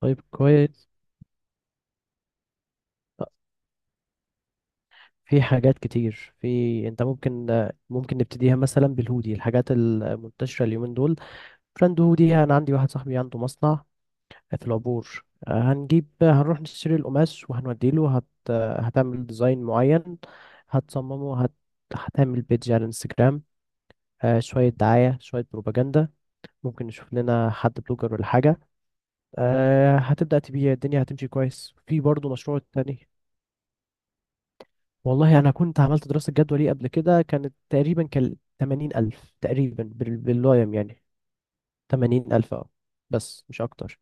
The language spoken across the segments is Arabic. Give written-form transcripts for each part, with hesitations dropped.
طيب، كويس. في حاجات كتير، في انت ممكن نبتديها مثلا بالهودي، الحاجات المنتشرة اليومين دول. براند هودي، انا عندي واحد صاحبي عنده مصنع في العبور. هنروح نشتري القماش وهنوديله هتعمل ديزاين معين. هتصممه هتعمل بيدج على الانستجرام. شوية دعاية شوية بروباجندا. ممكن نشوف لنا حد بلوجر ولا حاجة. هتبدأ تبيع، الدنيا هتمشي كويس، في برضه مشروع تاني. والله أنا كنت عملت دراسة جدوى ليه قبل كده، كانت تقريبا كان 80 ألف تقريبا باللايم يعني. 80 ألف، أه. بس مش أكتر.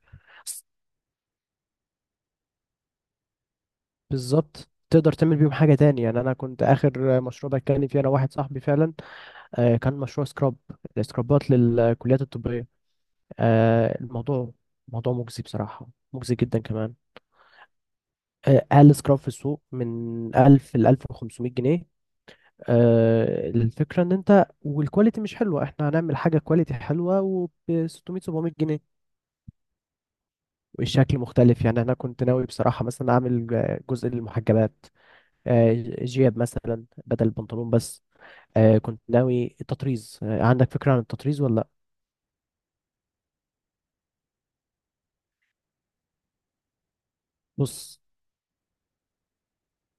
بالظبط، تقدر تعمل بيهم حاجة تاني. يعني أنا كنت آخر مشروع بتكلم فيه أنا واحد صاحبي فعلا، كان مشروع سكراب. السكرابات للكليات الطبية. الموضوع موضوع مجزي بصراحة، مجزي جدا كمان. أقل سكراب في السوق من 1000 ل 1500 جنيه. الفكرة ان انت والكواليتي مش حلوة، احنا هنعمل حاجة كواليتي حلوة، وب 600 700 جنيه. والشكل مختلف، يعني انا كنت ناوي بصراحة مثلا اعمل جزء للمحجبات. آه، جياب مثلا بدل البنطلون بس. كنت ناوي التطريز. عندك فكرة عن التطريز ولا لأ؟ بص،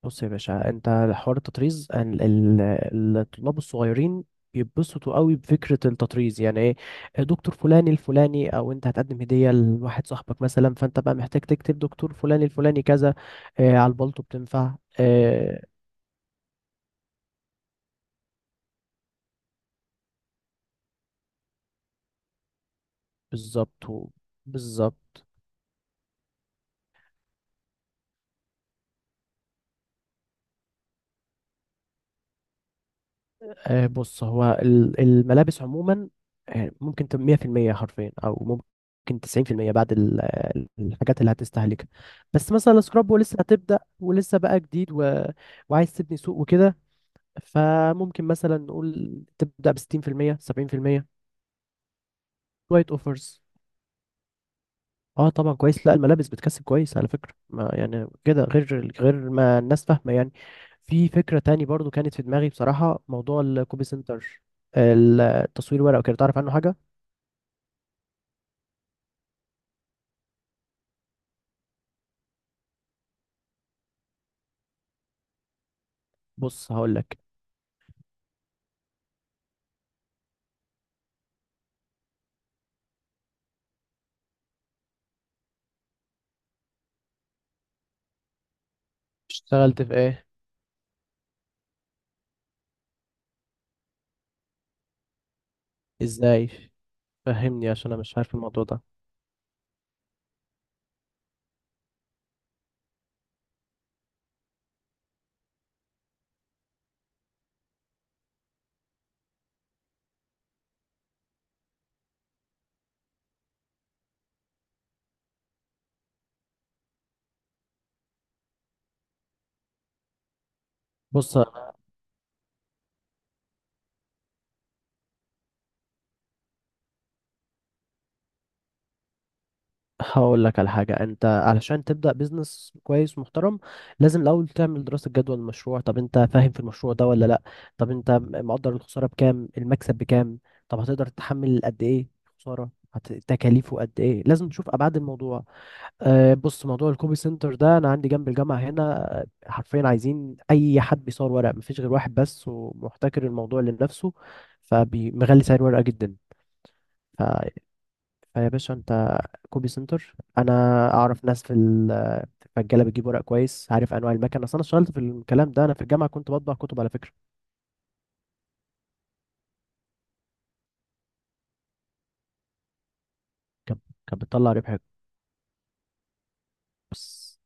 بص يا باشا انت. حوار التطريز، الطلاب الصغيرين بيتبسطوا قوي بفكرة التطريز، يعني ايه؟ دكتور فلاني الفلاني، او انت هتقدم هدية لواحد صاحبك مثلا، فانت بقى محتاج تكتب دكتور فلاني الفلاني كذا. اه، على البلطو بتنفع. اه بالظبط بالظبط. بص هو الملابس عموما، ممكن تبقى 100% حرفيا، او ممكن 90% بعد الحاجات اللي هتستهلكها. بس مثلا السكراب، ولسه هتبدأ ولسه بقى جديد وعايز تبني سوق وكده. فممكن مثلا نقول تبدأ ب 60% 70%. شوية اوفرز. اه طبعا كويس، لا الملابس بتكسب كويس على فكرة، ما يعني كده غير ما الناس فاهمة يعني. في فكرة تاني برضو كانت في دماغي بصراحة، موضوع الكوبي سنتر. التصوير ورق وكده، تعرف عنه حاجة؟ بص هقول لك. اشتغلت في ايه؟ ازاي؟ فهمني عشان انا مش عارف الموضوع ده. بص هقول لك على حاجه، انت علشان تبدا بيزنس كويس ومحترم، لازم الاول تعمل دراسه جدوى للمشروع. طب انت فاهم في المشروع ده ولا لا؟ طب انت مقدر الخساره بكام، المكسب بكام؟ طب هتقدر تتحمل قد ايه خساره؟ تكاليفه قد ايه؟ لازم تشوف ابعاد الموضوع. أه بص، موضوع الكوبي سنتر ده انا عندي جنب الجامعه هنا، حرفيا عايزين اي حد بيصور ورق. مفيش غير واحد بس، ومحتكر الموضوع لنفسه، فمغلي سعر ورقه جدا. ف- فيا باشا انت، كوبي سنتر، انا اعرف ناس في في الرجاله بتجيب ورق كويس، عارف انواع المكن، اصل انا اشتغلت في الكلام ده، انا في الجامعه كنت بطبع كتب على فكره. كانت كانت بتطلع ربح. بس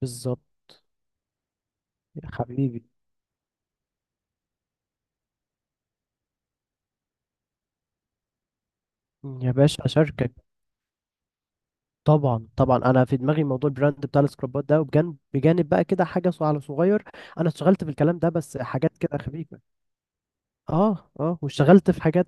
بالظبط. يا حبيبي. يا باشا شركه، طبعا طبعا. انا في دماغي موضوع البراند بتاع السكرابات ده، وبجانب بجانب بقى كده حاجه على صغير. انا اشتغلت في الكلام ده بس حاجات كده خفيفه. اه اه، واشتغلت في حاجات.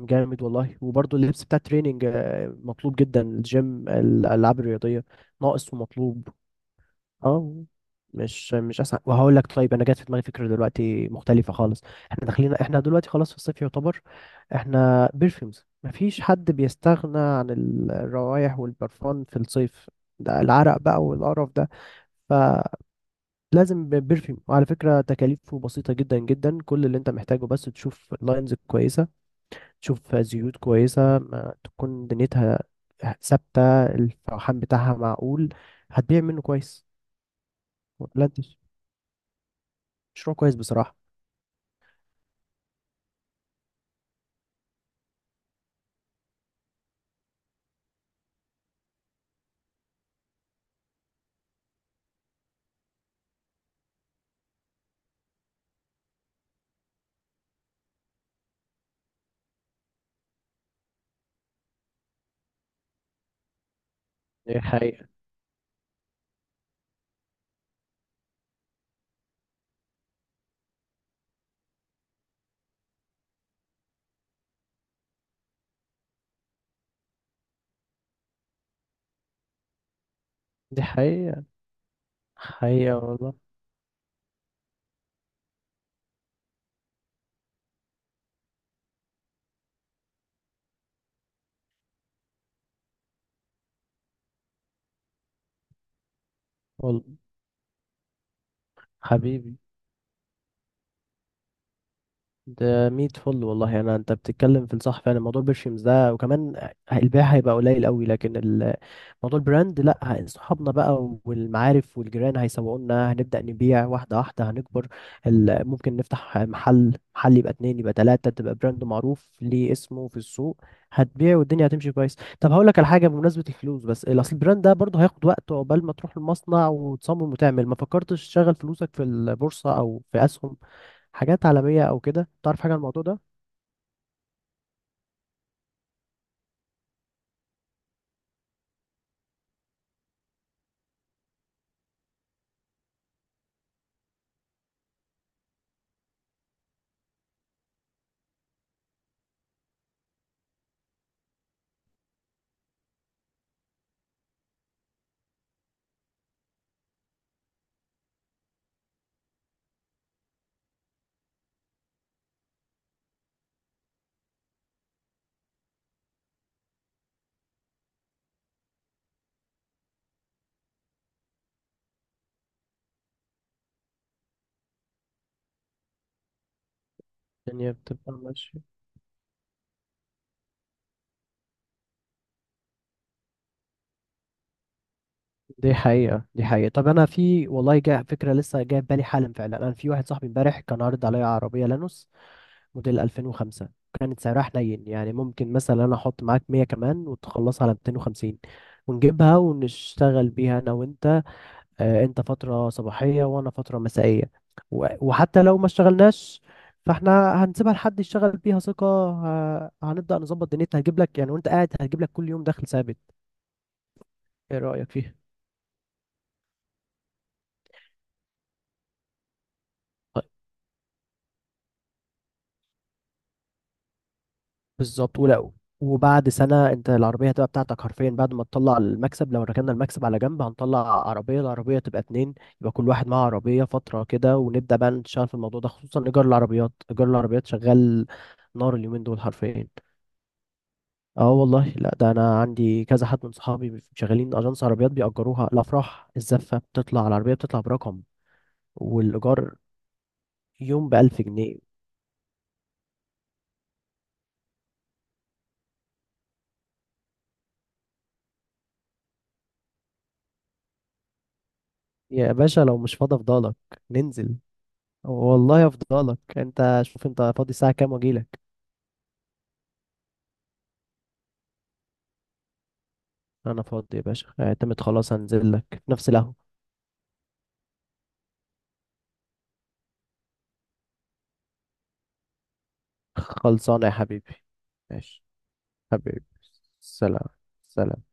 جامد والله. وبرضه اللبس بتاع التريننج مطلوب جدا. الجيم، الالعاب الرياضيه، ناقص ومطلوب. اه. مش اسهل، وهقول لك. طيب انا جات في دماغي فكره دلوقتي مختلفه خالص. احنا داخلين، احنا دلوقتي خلاص في الصيف يعتبر. احنا بيرفيومز، مفيش حد بيستغنى عن الروائح والبرفان في الصيف، ده العرق بقى والقرف ده. فلازم بيرفيوم. وعلى فكرة تكاليفه بسيطة جدا جدا، كل اللي انت محتاجه بس تشوف لاينز كويسة، تشوف زيوت كويسة، ما تكون دنيتها ثابتة، الفوحان بتاعها معقول، هتبيع منه كويس. ولا انت؟ مشروع كويس بصراحة. دي حقيقة. دي حقيقة. حقيقة والله. والله حبيبي. ده ميت فل والله، أنا أنت بتتكلم في الصح فعلا. موضوع برشيمز ده وكمان البيع هيبقى قليل قوي، لكن موضوع البراند لا، صحابنا بقى والمعارف والجيران هيسوقونا. هنبدأ نبيع واحدة واحدة، هنكبر. ممكن نفتح محل، محل يبقى اتنين، يبقى تلاتة، تبقى براند معروف ليه اسمه في السوق. هتبيع والدنيا هتمشي كويس. طب هقول لك على حاجة، بمناسبة الفلوس، بس اصل البراند ده برضه هياخد وقت عقبال ما تروح المصنع وتصمم وتعمل. ما فكرتش تشغل فلوسك في البورصة او في اسهم، حاجات عالمية او كده؟ تعرف حاجة عن الموضوع ده؟ الدنيا بتبقى ماشية. دي حقيقة، دي حقيقة. طب أنا في والله، جاء فكرة لسه جاية في بالي حالا فعلا. أنا في واحد صاحبي امبارح كان عارض عليا عربية لانوس موديل 2005، كانت سعرها حنين. يعني ممكن مثلا أنا أحط معاك 100 كمان وتخلصها على 250، ونجيبها ونشتغل بيها أنا وأنت. أنت فترة صباحية وأنا فترة مسائية. وحتى لو ما اشتغلناش، فاحنا هنسيبها لحد يشتغل بيها ثقة. هنبدأ نظبط دنيتها، هتجيب لك يعني وأنت قاعد، هتجيب لك كل يوم دخل ثابت. إيه رأيك فيها؟ بالظبط، ولا؟ وبعد سنة انت العربية هتبقى بتاعتك حرفيا، بعد ما تطلع المكسب. لو ركننا المكسب على جنب، هنطلع عربية، العربية تبقى اتنين، يبقى كل واحد معاه عربية فترة كده، ونبدأ بقى نشتغل في الموضوع ده. خصوصا إيجار العربيات، إيجار العربيات شغال نار اليومين دول حرفيا. اه والله لا، ده انا عندي كذا حد من صحابي شغالين اجانس عربيات بيأجروها. الافراح، الزفة بتطلع العربية بتطلع برقم، والإيجار يوم بألف جنيه. يا باشا لو مش فاضي افضلك، ننزل. والله افضلك. انت شوف انت فاضي الساعة كام واجيلك. انا فاضي يا باشا، اعتمد خلاص، هنزل لك في نفس القهوة. خلصانة يا حبيبي. ماشي. حبيبي. سلام. سلام.